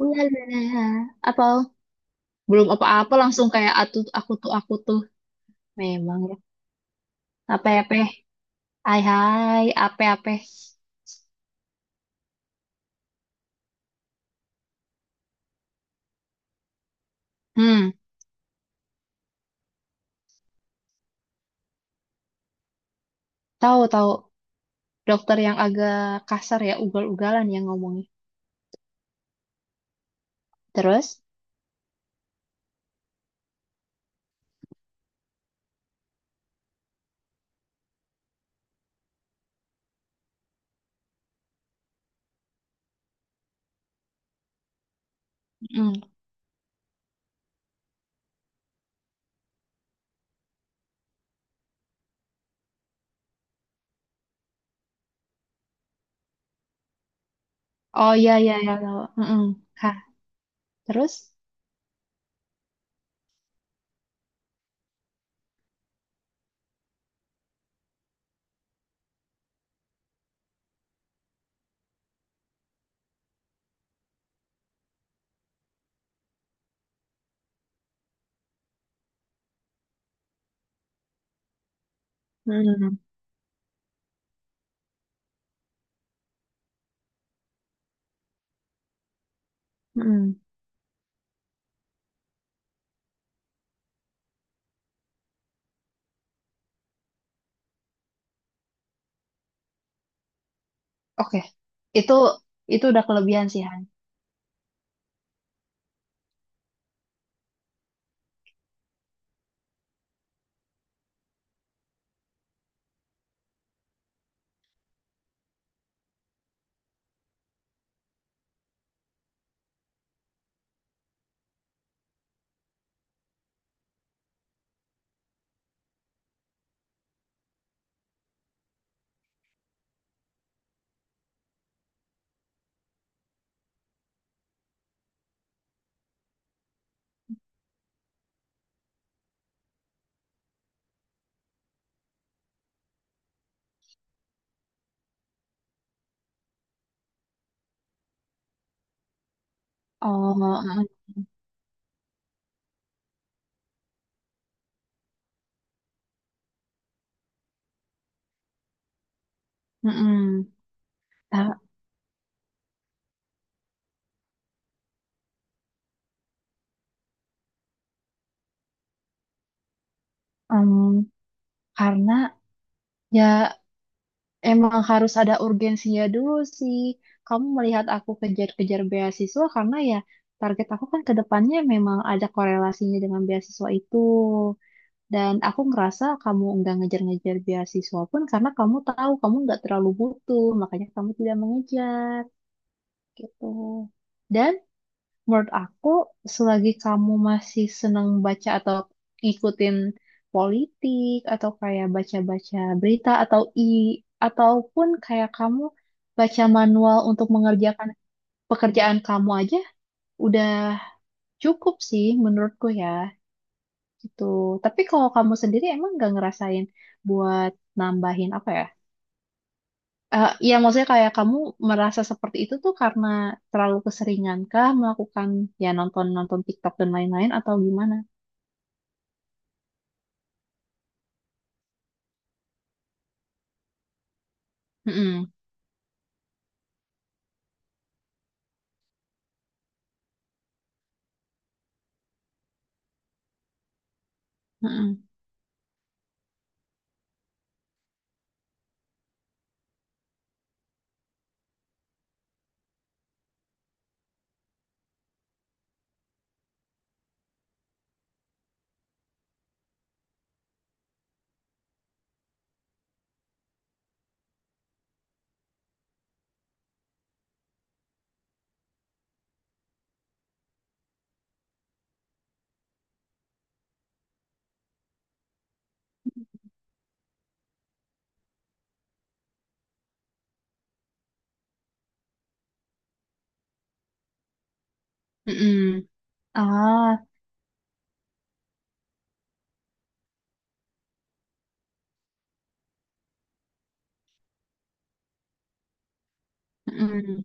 Ulalala. Apa belum apa-apa langsung kayak atu aku tuh memang ya. Apa apa? Hai hai, apa apa? Hmm, tahu tahu dokter yang agak kasar ya, ugal-ugalan yang ngomongnya. Terus? Mm. Oh iya iya iya tahu. Mm-mm. Hah, terus? Mm-mm. Mm-mm. Oke. Itu itu udah kelebihan sih, Han. Oh, mm-mm. Mm-mm. Ta- em, karena ya emang harus ada urgensinya dulu sih. Kamu melihat aku kejar-kejar beasiswa karena ya target aku kan ke depannya memang ada korelasinya dengan beasiswa itu. Dan aku ngerasa kamu nggak ngejar-ngejar beasiswa pun karena kamu tahu kamu nggak terlalu butuh, makanya kamu tidak mengejar gitu. Dan menurut aku, selagi kamu masih seneng baca atau ngikutin politik atau kayak baca-baca berita atau ataupun kayak kamu baca manual untuk mengerjakan pekerjaan kamu aja udah cukup sih menurutku ya gitu. Tapi kalau kamu sendiri emang gak ngerasain buat nambahin apa ya? Iya ya maksudnya kayak kamu merasa seperti itu tuh karena terlalu keseringan kah melakukan ya nonton-nonton TikTok dan lain-lain atau gimana? Mm-mm, mm-mm, mm-mm. Ah, mm-mm,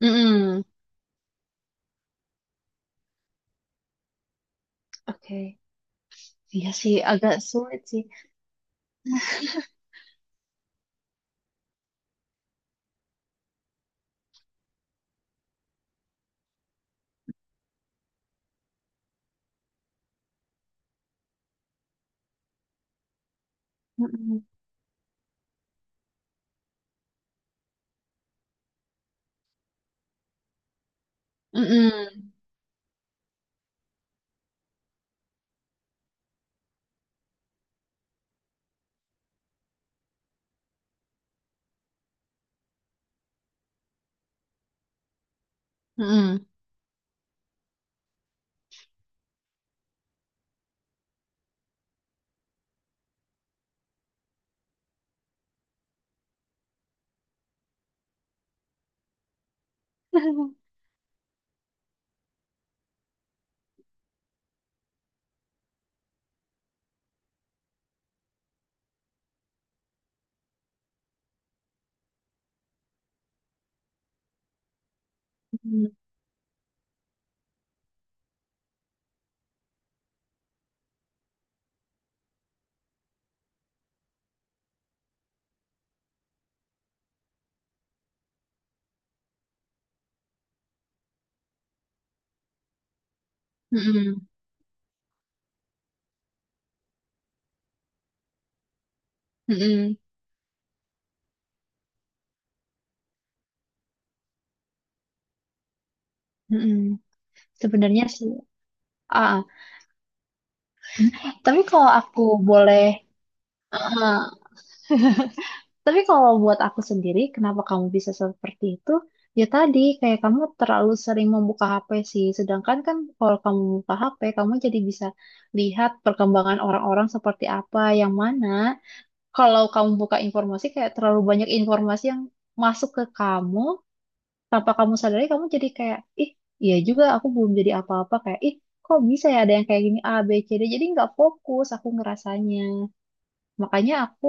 mm-mm. Oke. Iya sih, agak sulit sih. Mm-mm, mm-mm, mm-mm. Mm-mm, mm-mm, mm-mm, mm-mm. Sebenarnya sih, ah, tapi kalau aku boleh, eh, tapi kalau buat aku sendiri, kenapa kamu bisa seperti itu? Ya tadi, kayak kamu terlalu sering membuka HP sih. Sedangkan kan kalau kamu buka HP, kamu jadi bisa lihat perkembangan orang-orang seperti apa, yang mana kalau kamu buka informasi kayak terlalu banyak informasi yang masuk ke kamu tanpa kamu sadari kamu jadi kayak ih iya juga aku belum jadi apa-apa kayak ih kok bisa ya ada yang kayak gini A B C D jadi nggak fokus aku ngerasanya makanya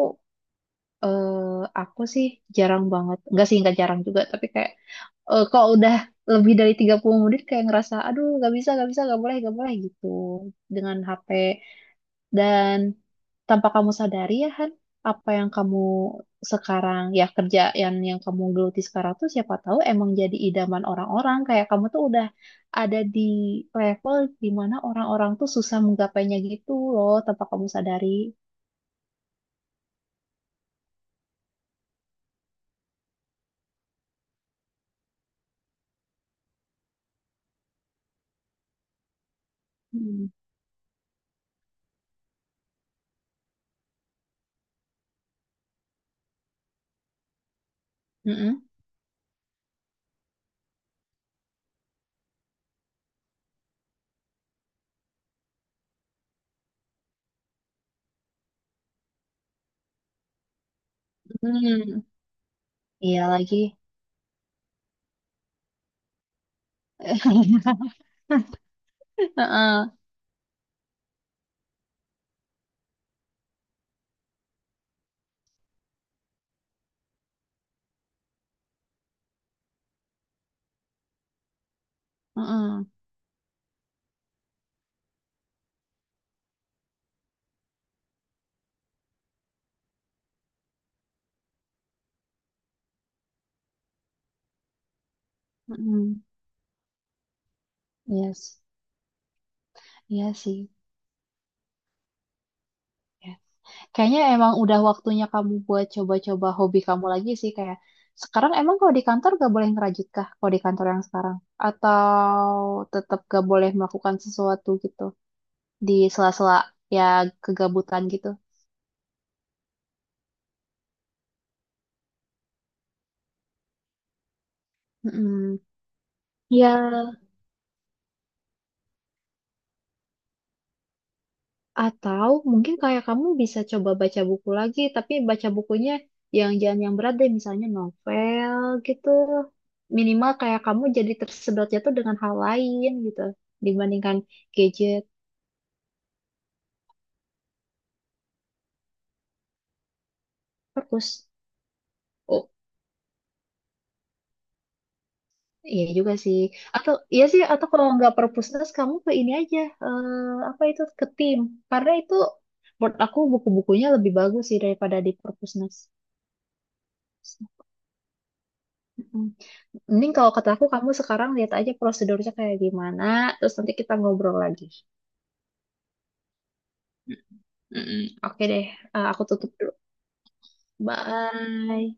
eh, aku sih jarang banget nggak sih nggak jarang juga tapi kayak kalau udah lebih dari 30 menit kayak ngerasa aduh nggak bisa nggak bisa nggak boleh gitu dengan HP dan tanpa kamu sadari ya Han, apa yang kamu sekarang ya kerja yang kamu geluti sekarang tuh siapa tahu emang jadi idaman orang-orang kayak kamu tuh udah ada di level di mana orang-orang tuh susah menggapainya gitu loh tanpa kamu sadari. Hmm. Mm-mm. Hmm. Iya lagi. Heeh. Heeh. mm Yes. Iya sih. Ya. Kayaknya emang udah waktunya kamu buat coba-coba hobi kamu lagi sih kayak sekarang emang kalau di kantor gak boleh ngerajut kah kalau di kantor yang sekarang atau tetap gak boleh melakukan sesuatu gitu di sela-sela ya kegabutan gitu. Mm-mm. Ya, atau mungkin kayak kamu bisa coba baca buku lagi, tapi baca bukunya yang jangan yang berat deh, misalnya novel gitu. Minimal kayak kamu jadi tersedotnya tuh dengan hal lain gitu, dibandingkan gadget. Perpus. Oh, iya juga sih. Atau iya sih atau kalau nggak perpusnas kamu ke ini aja eh, apa itu ke tim. Karena itu menurut aku buku-bukunya lebih bagus sih daripada di perpusnas. Mm. Mending kalau kata aku kamu sekarang lihat aja prosedurnya kayak gimana, terus nanti kita ngobrol lagi. Mm-mm. Oke deh. Aku tutup dulu. Bye.